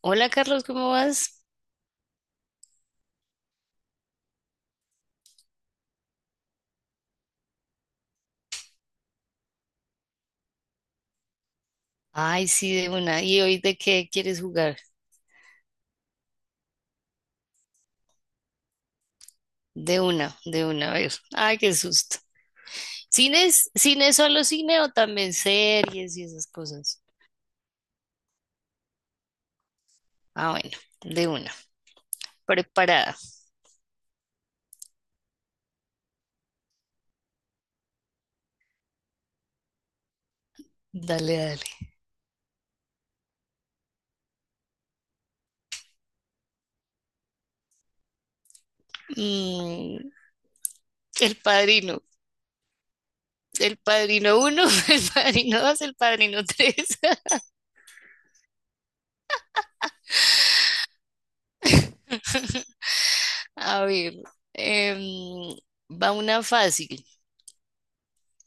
Hola Carlos, ¿cómo vas? Ay, sí, de una. ¿Y hoy de qué quieres jugar? De una, a ver. Ay, qué susto. ¿Cines? ¿Cine es solo cine o también series y esas cosas? Ah, bueno, de una. Preparada. Dale, dale. Mm, El Padrino. El Padrino uno, El Padrino dos, El Padrino tres. A ver, em, va una fácil.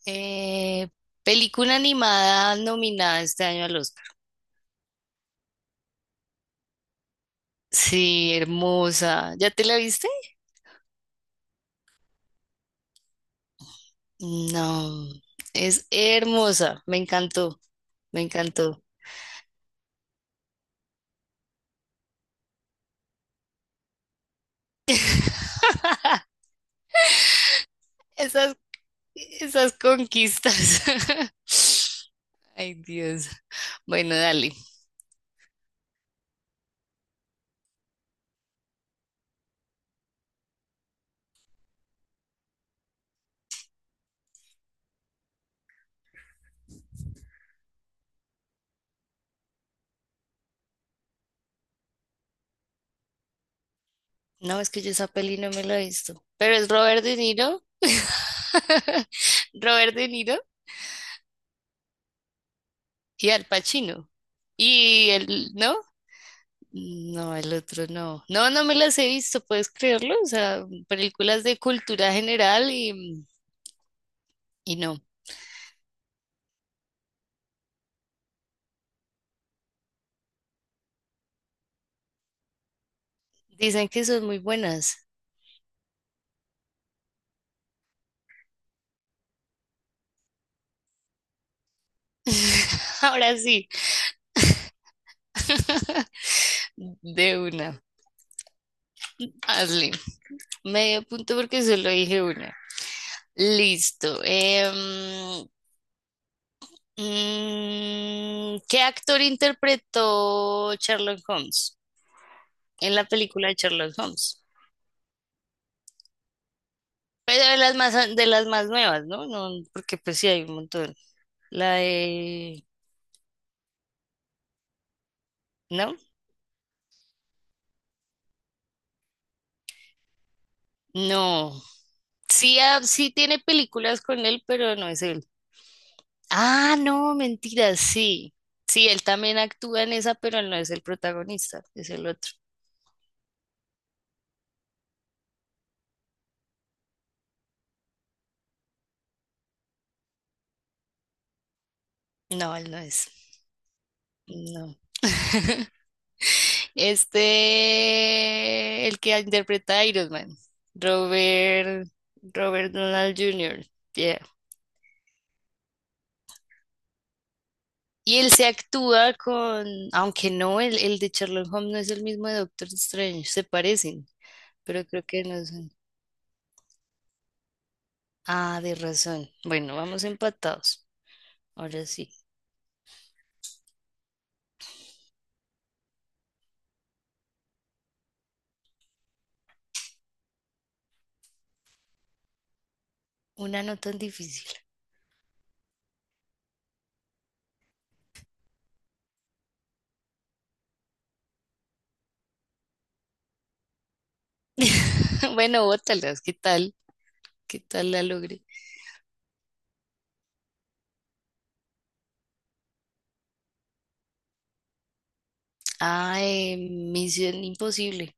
Eh, Película animada nominada este año al Oscar. Sí, hermosa. ¿Ya te la viste? No, es hermosa. Me encantó, me encantó. Esas, esas conquistas. Ay, Dios. Bueno, dale. No, es que yo esa peli no me la he visto. Pero es Robert De Niro. Robert De Niro y Al Pacino. Y el, ¿no? No, el otro no. No, no me las he visto, ¿puedes creerlo? O sea, películas de cultura general y no. Dicen que son muy buenas. Ahora sí, de una. Hazle. Medio punto porque solo dije una. Listo. ¿Qué actor interpretó Sherlock Holmes en la película de Sherlock Holmes? Pero de las más nuevas, ¿no? No, porque pues sí hay un montón. La de... ¿No? No. Sí, ah, sí tiene películas con él, pero no es él. Ah, no, mentira, sí. Sí, él también actúa en esa, pero él no es el protagonista, es el otro. No, él no es. No. Este, el que interpreta a Iron Man, Robert, Robert Donald Jr. Yeah. Y él se actúa con, aunque no, el de Sherlock Holmes no es el mismo de Doctor Strange, se parecen, pero creo que no son. Ah, de razón. Bueno, vamos empatados. Ahora sí, una no tan difícil. Bueno, bótalas, ¿qué tal? ¿Qué tal la logré? Ah, Misión Imposible.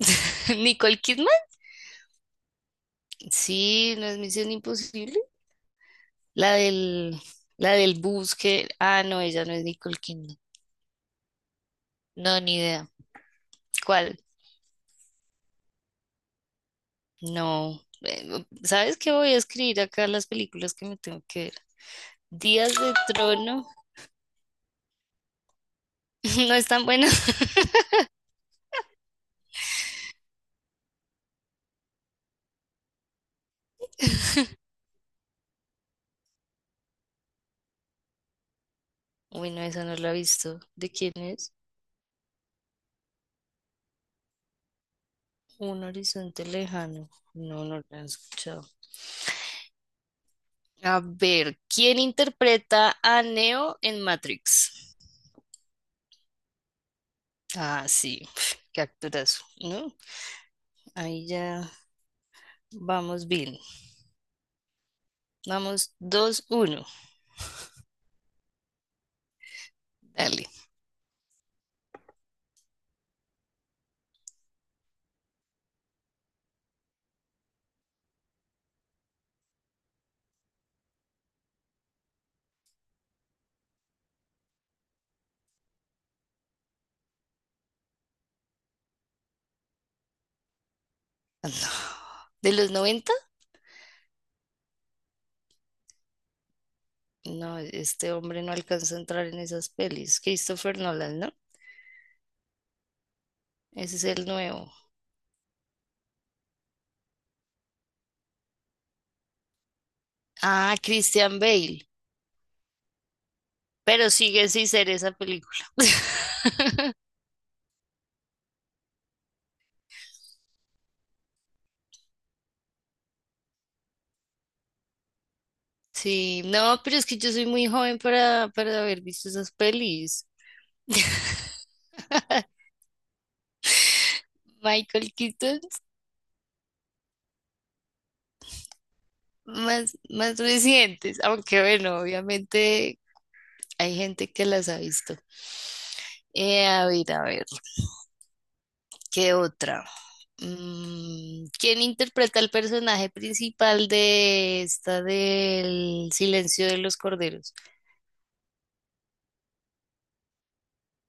¿Nicole Kidman? Sí, no es Misión Imposible. La del, la del bus que... Ah, no, ella no es Nicole Kidman. No, ni idea. ¿Cuál? No. ¿Sabes qué? Voy a escribir acá las películas que me tengo que ver. Días de Trono. No es tan buena. Uy, no, esa no la he visto. ¿De quién es? Un horizonte lejano. No, no la he escuchado. A ver, ¿quién interpreta a Neo en Matrix? Ah, sí, pf, qué actorazo, ¿no? Ahí ya vamos bien. Vamos 2-1. Dale. Ah, no. ¿De los noventa? No, este hombre no alcanza a entrar en esas pelis. Christopher Nolan, ¿no? Ese es el nuevo. Ah, Christian Bale. Pero sigue sin ser esa película. Sí, no, pero es que yo soy muy joven para, haber visto esas pelis. Michael Keaton más recientes, aunque bueno, obviamente hay gente que las ha visto. A ver, a ver, ¿qué otra? Mm, ¿quién interpreta el personaje principal de esta del Silencio de los Corderos?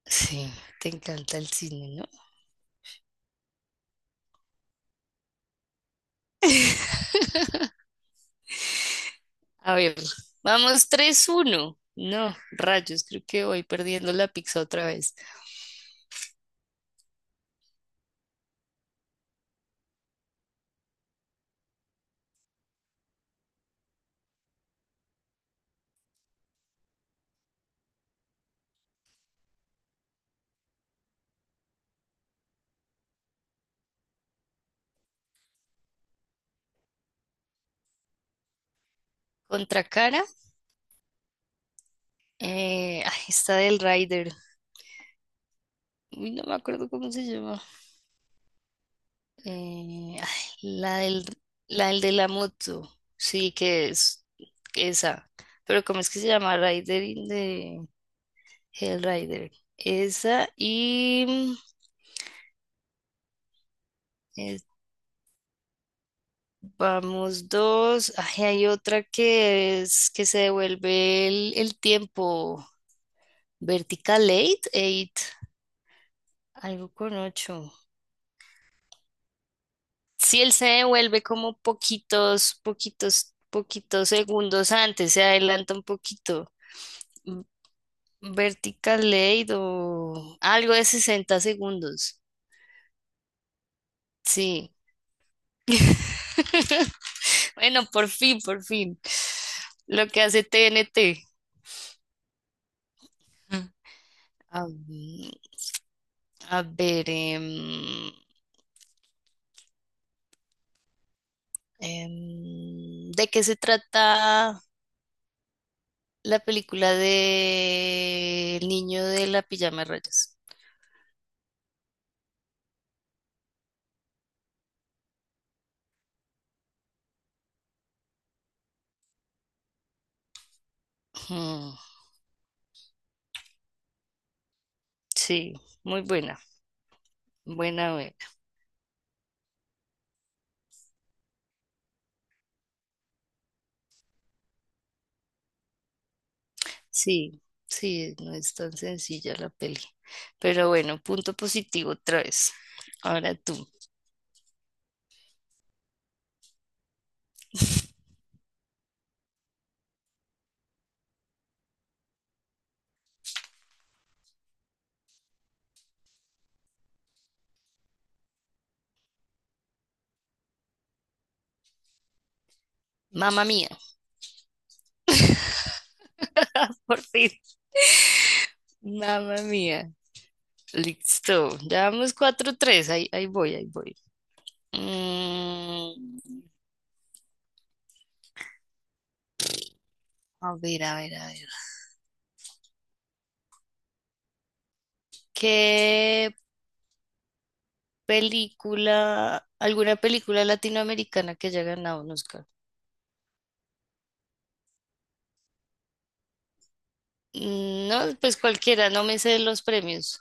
Sí, te encanta el cine, ¿no? A ver, vamos 3-1. No, rayos, creo que voy perdiendo la pizza otra vez. Contra cara, ay, está del Rider. Uy, no me acuerdo cómo se llama. Ay, la del, la del de la moto, sí que es esa. Pero ¿cómo es que se llama? Rider in the Hellrider. Esa y eh, vamos dos. Ay, hay otra que es que se devuelve el tiempo. Vertical eight eight algo con ocho. Si él se devuelve como poquitos, poquitos, poquitos segundos antes, se adelanta un poquito. Vertical Late o algo de 60 segundos. Sí. Bueno, por fin, por fin. Lo que hace TNT. Mm. A, a ver, ¿de qué se trata la película de El niño de la pijama de rayas? Mm, sí, muy buena, buena. Sí, sí, no es tan sencilla la peli. Pero bueno, punto positivo otra vez. Ahora tú. Mamma mía, por fin. Mamma mía. Listo. Ya vamos 4-3. Ahí voy, ahí voy. Mm, a ver, a ver, a ver. ¿Qué película, alguna película latinoamericana que haya ganado un Oscar? Mm, no, pues cualquiera, no me sé los premios.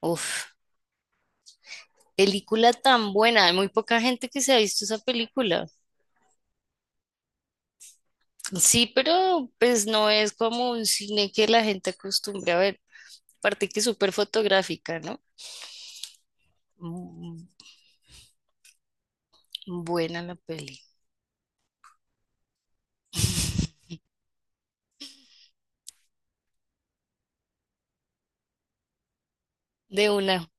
Uf, película tan buena, hay muy poca gente que se ha visto esa película. Sí, pero pues no es como un cine que la gente acostumbra a ver, aparte que es súper fotográfica, ¿no? Mm, mm, buena la peli. De una,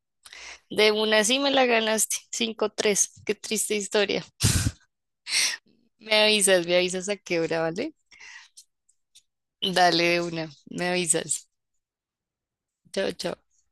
de una sí me la ganaste, 5-3. Qué triste historia. Me avisas a qué hora, ¿vale? Dale de una, me avisas. Chao, chao.